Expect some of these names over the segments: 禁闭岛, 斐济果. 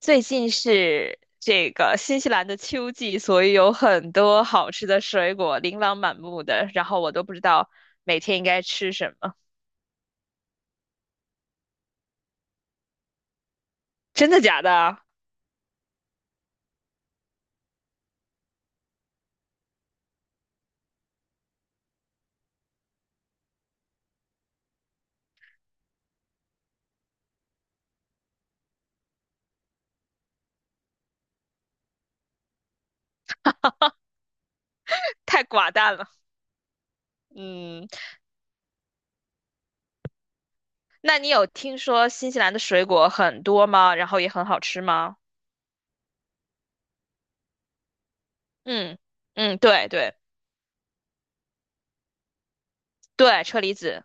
最近是这个新西兰的秋季，所以有很多好吃的水果，琳琅满目的，然后我都不知道每天应该吃什么。真的假的啊。太寡淡了。嗯。那你有听说新西兰的水果很多吗？然后也很好吃吗？嗯嗯，对对对，车厘子。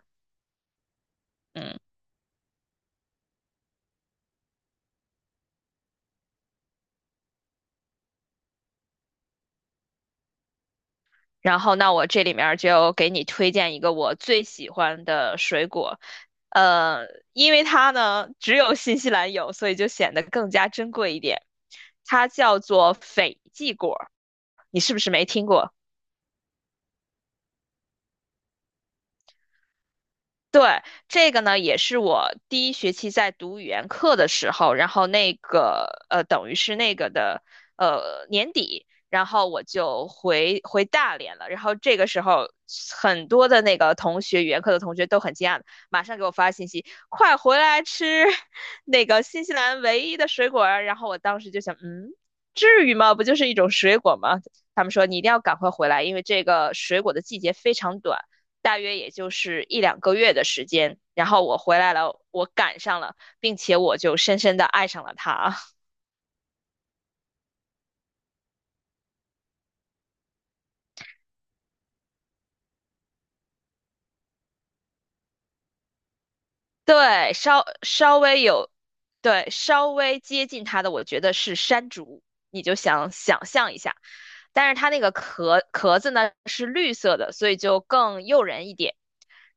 嗯。然后，那我这里面儿就给你推荐一个我最喜欢的水果，呃，因为它呢只有新西兰有，所以就显得更加珍贵一点。它叫做斐济果，你是不是没听过？对。这个呢，也是我第一学期在读语言课的时候，然后那个等于是那个的年底，然后我就回大连了。然后这个时候，很多的那个同学，语言课的同学都很惊讶，马上给我发信息，快回来吃 那个新西兰唯一的水果儿。然后我当时就想，嗯，至于吗？不就是一种水果吗？他们说你一定要赶快回来，因为这个水果的季节非常短。大约也就是一两个月的时间，然后我回来了，我赶上了，并且我就深深的爱上了他。对，稍微有，对，稍微接近他的，我觉得是山竹，你就想象一下，但是它那个壳壳子呢是绿色的，所以就更诱人一点。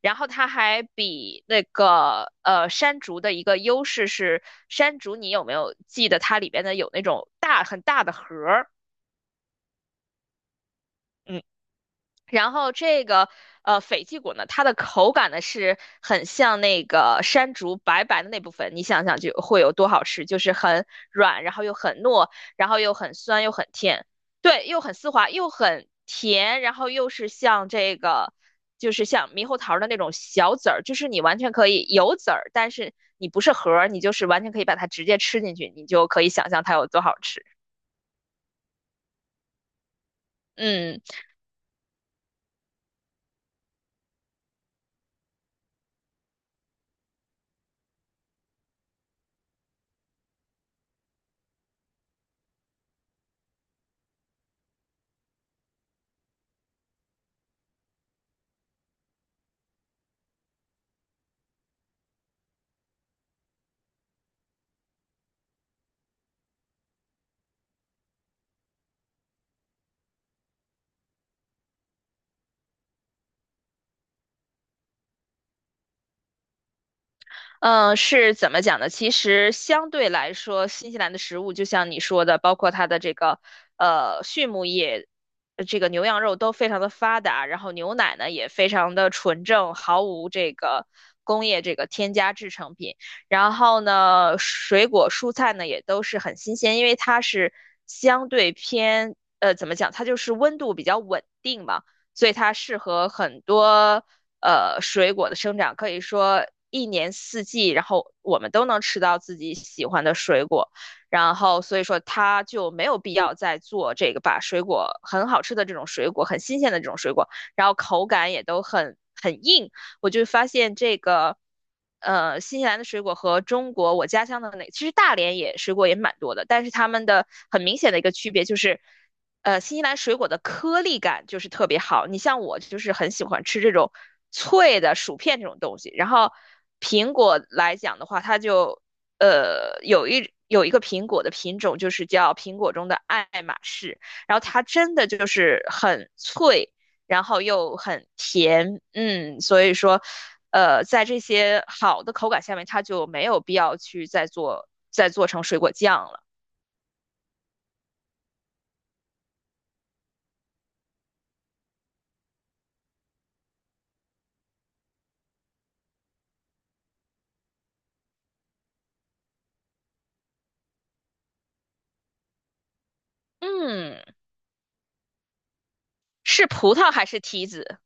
然后它还比那个山竹的一个优势是，山竹你有没有记得它里边的有那种很大的核儿？然后这个斐济果呢，它的口感呢是很像那个山竹白白的那部分，你想想就会有多好吃，就是很软，然后又很糯，然后又很酸又很甜，对，又很丝滑又很甜，然后又是像这个就是像猕猴桃的那种小籽儿，就是你完全可以有籽儿，但是你不是核儿，你就是完全可以把它直接吃进去，你就可以想象它有多好吃。嗯。嗯，是怎么讲呢？其实相对来说，新西兰的食物就像你说的，包括它的这个畜牧业，这个牛羊肉都非常的发达，然后牛奶呢也非常的纯正，毫无这个工业这个添加制成品。然后呢，水果蔬菜呢也都是很新鲜，因为它是相对偏怎么讲，它就是温度比较稳定嘛。所以它适合很多水果的生长，可以说一年四季，然后我们都能吃到自己喜欢的水果，然后所以说它就没有必要再做这个把水果很好吃的这种水果，很新鲜的这种水果，然后口感也都很硬，我就发现这个。新西兰的水果和中国我家乡的那，其实大连也水果也蛮多的，但是他们的很明显的一个区别就是，新西兰水果的颗粒感就是特别好。你像我就是很喜欢吃这种脆的薯片这种东西。然后苹果来讲的话，它就有一个苹果的品种，就是叫苹果中的爱马仕。然后它真的就是很脆，然后又很甜，嗯，所以说在这些好的口感下面，它就没有必要去再做成水果酱了。嗯，是葡萄还是提子？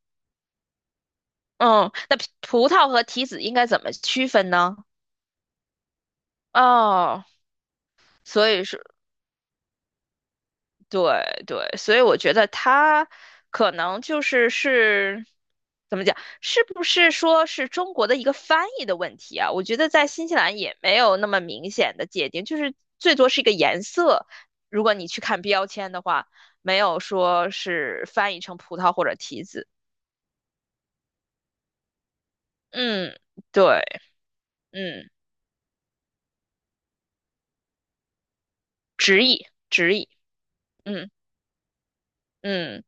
嗯，那葡萄和提子应该怎么区分呢？哦，所以是，对对，所以我觉得它可能就是怎么讲，是不是说是中国的一个翻译的问题啊？我觉得在新西兰也没有那么明显的界定，就是最多是一个颜色。如果你去看标签的话，没有说是翻译成葡萄或者提子。嗯，对，嗯，直译，直译，嗯嗯。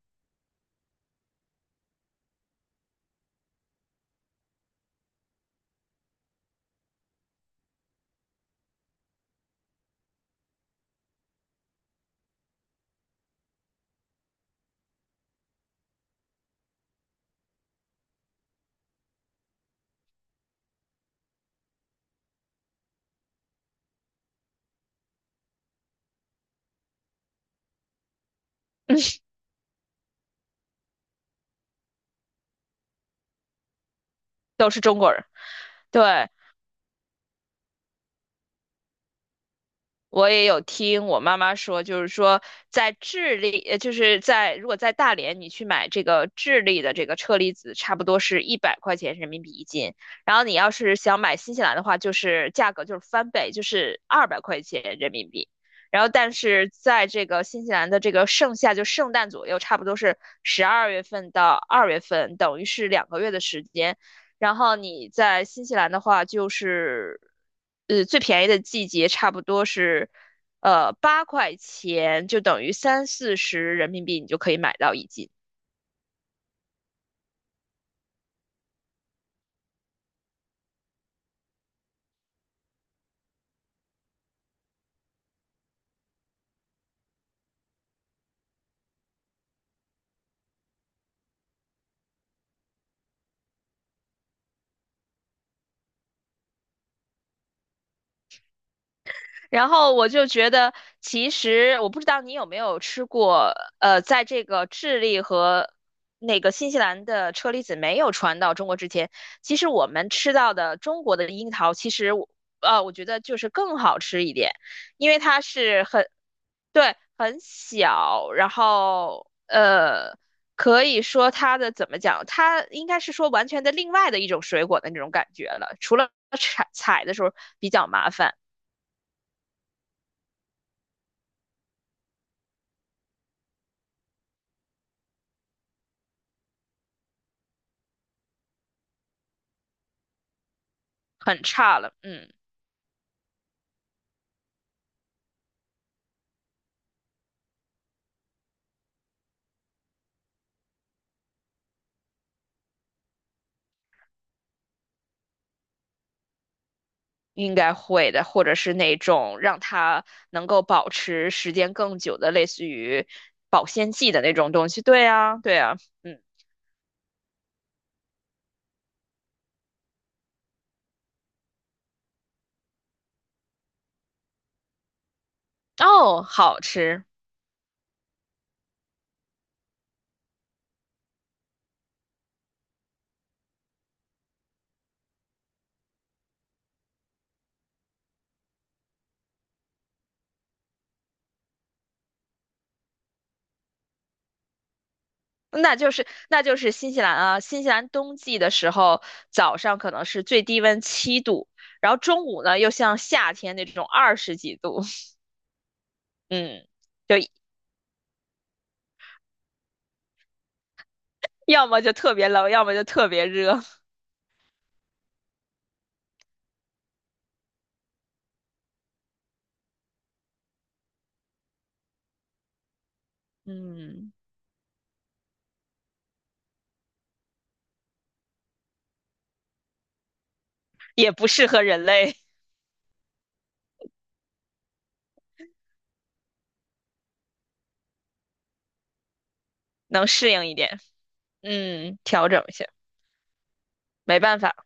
都是中国人。对，我也有听我妈妈说，就是说在智利，就是在如果在大连你去买这个智利的这个车厘子，差不多是100块钱人民币一斤。然后你要是想买新西兰的话，就是价格就是翻倍，就是200块钱人民币。然后，但是在这个新西兰的这个盛夏，就圣诞左右，差不多是12月份到二月份，等于是两个月的时间。然后你在新西兰的话，就是最便宜的季节差不多是8块钱，就等于三四十人民币，你就可以买到一斤。然后我就觉得，其实我不知道你有没有吃过，在这个智利和那个新西兰的车厘子没有传到中国之前，其实我们吃到的中国的樱桃，其实我我觉得就是更好吃一点，因为它是很对，很小，然后可以说它的怎么讲，它应该是说完全的另外的一种水果的那种感觉了，除了采采的时候比较麻烦，很差了，嗯，应该会的，或者是那种让它能够保持时间更久的，类似于保鲜剂的那种东西，对啊，对啊，嗯，哦，好吃。那就是新西兰啊，新西兰冬季的时候，早上可能是最低温7度，然后中午呢又像夏天那种二十几度，嗯，就要么就特别冷，要么就特别热，嗯，也不适合人类能适应一点，嗯，调整一下，没办法，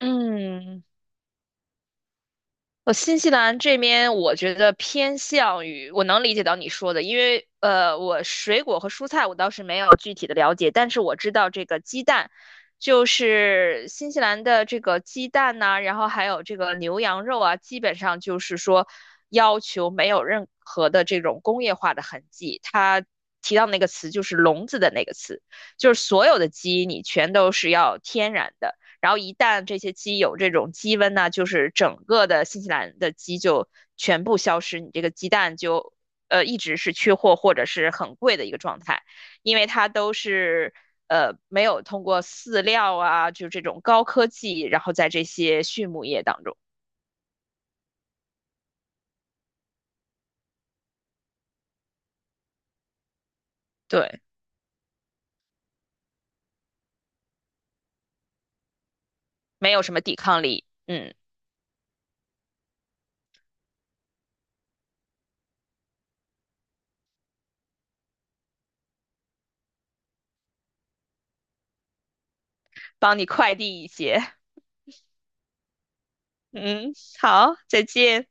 嗯。我新西兰这边，我觉得偏向于我能理解到你说的，因为我水果和蔬菜我倒是没有具体的了解，但是我知道这个鸡蛋，就是新西兰的这个鸡蛋呐、然后还有这个牛羊肉啊，基本上就是说要求没有任何的这种工业化的痕迹。它提到那个词就是"笼子"的那个词，就是所有的鸡你全都是要天然的。然后一旦这些鸡有这种鸡瘟呢，就是整个的新西兰的鸡就全部消失，你这个鸡蛋就一直是缺货或者是很贵的一个状态，因为它都是没有通过饲料啊，就这种高科技，然后在这些畜牧业当中，对，没有什么抵抗力，嗯，帮你快递一些，嗯，好，再见。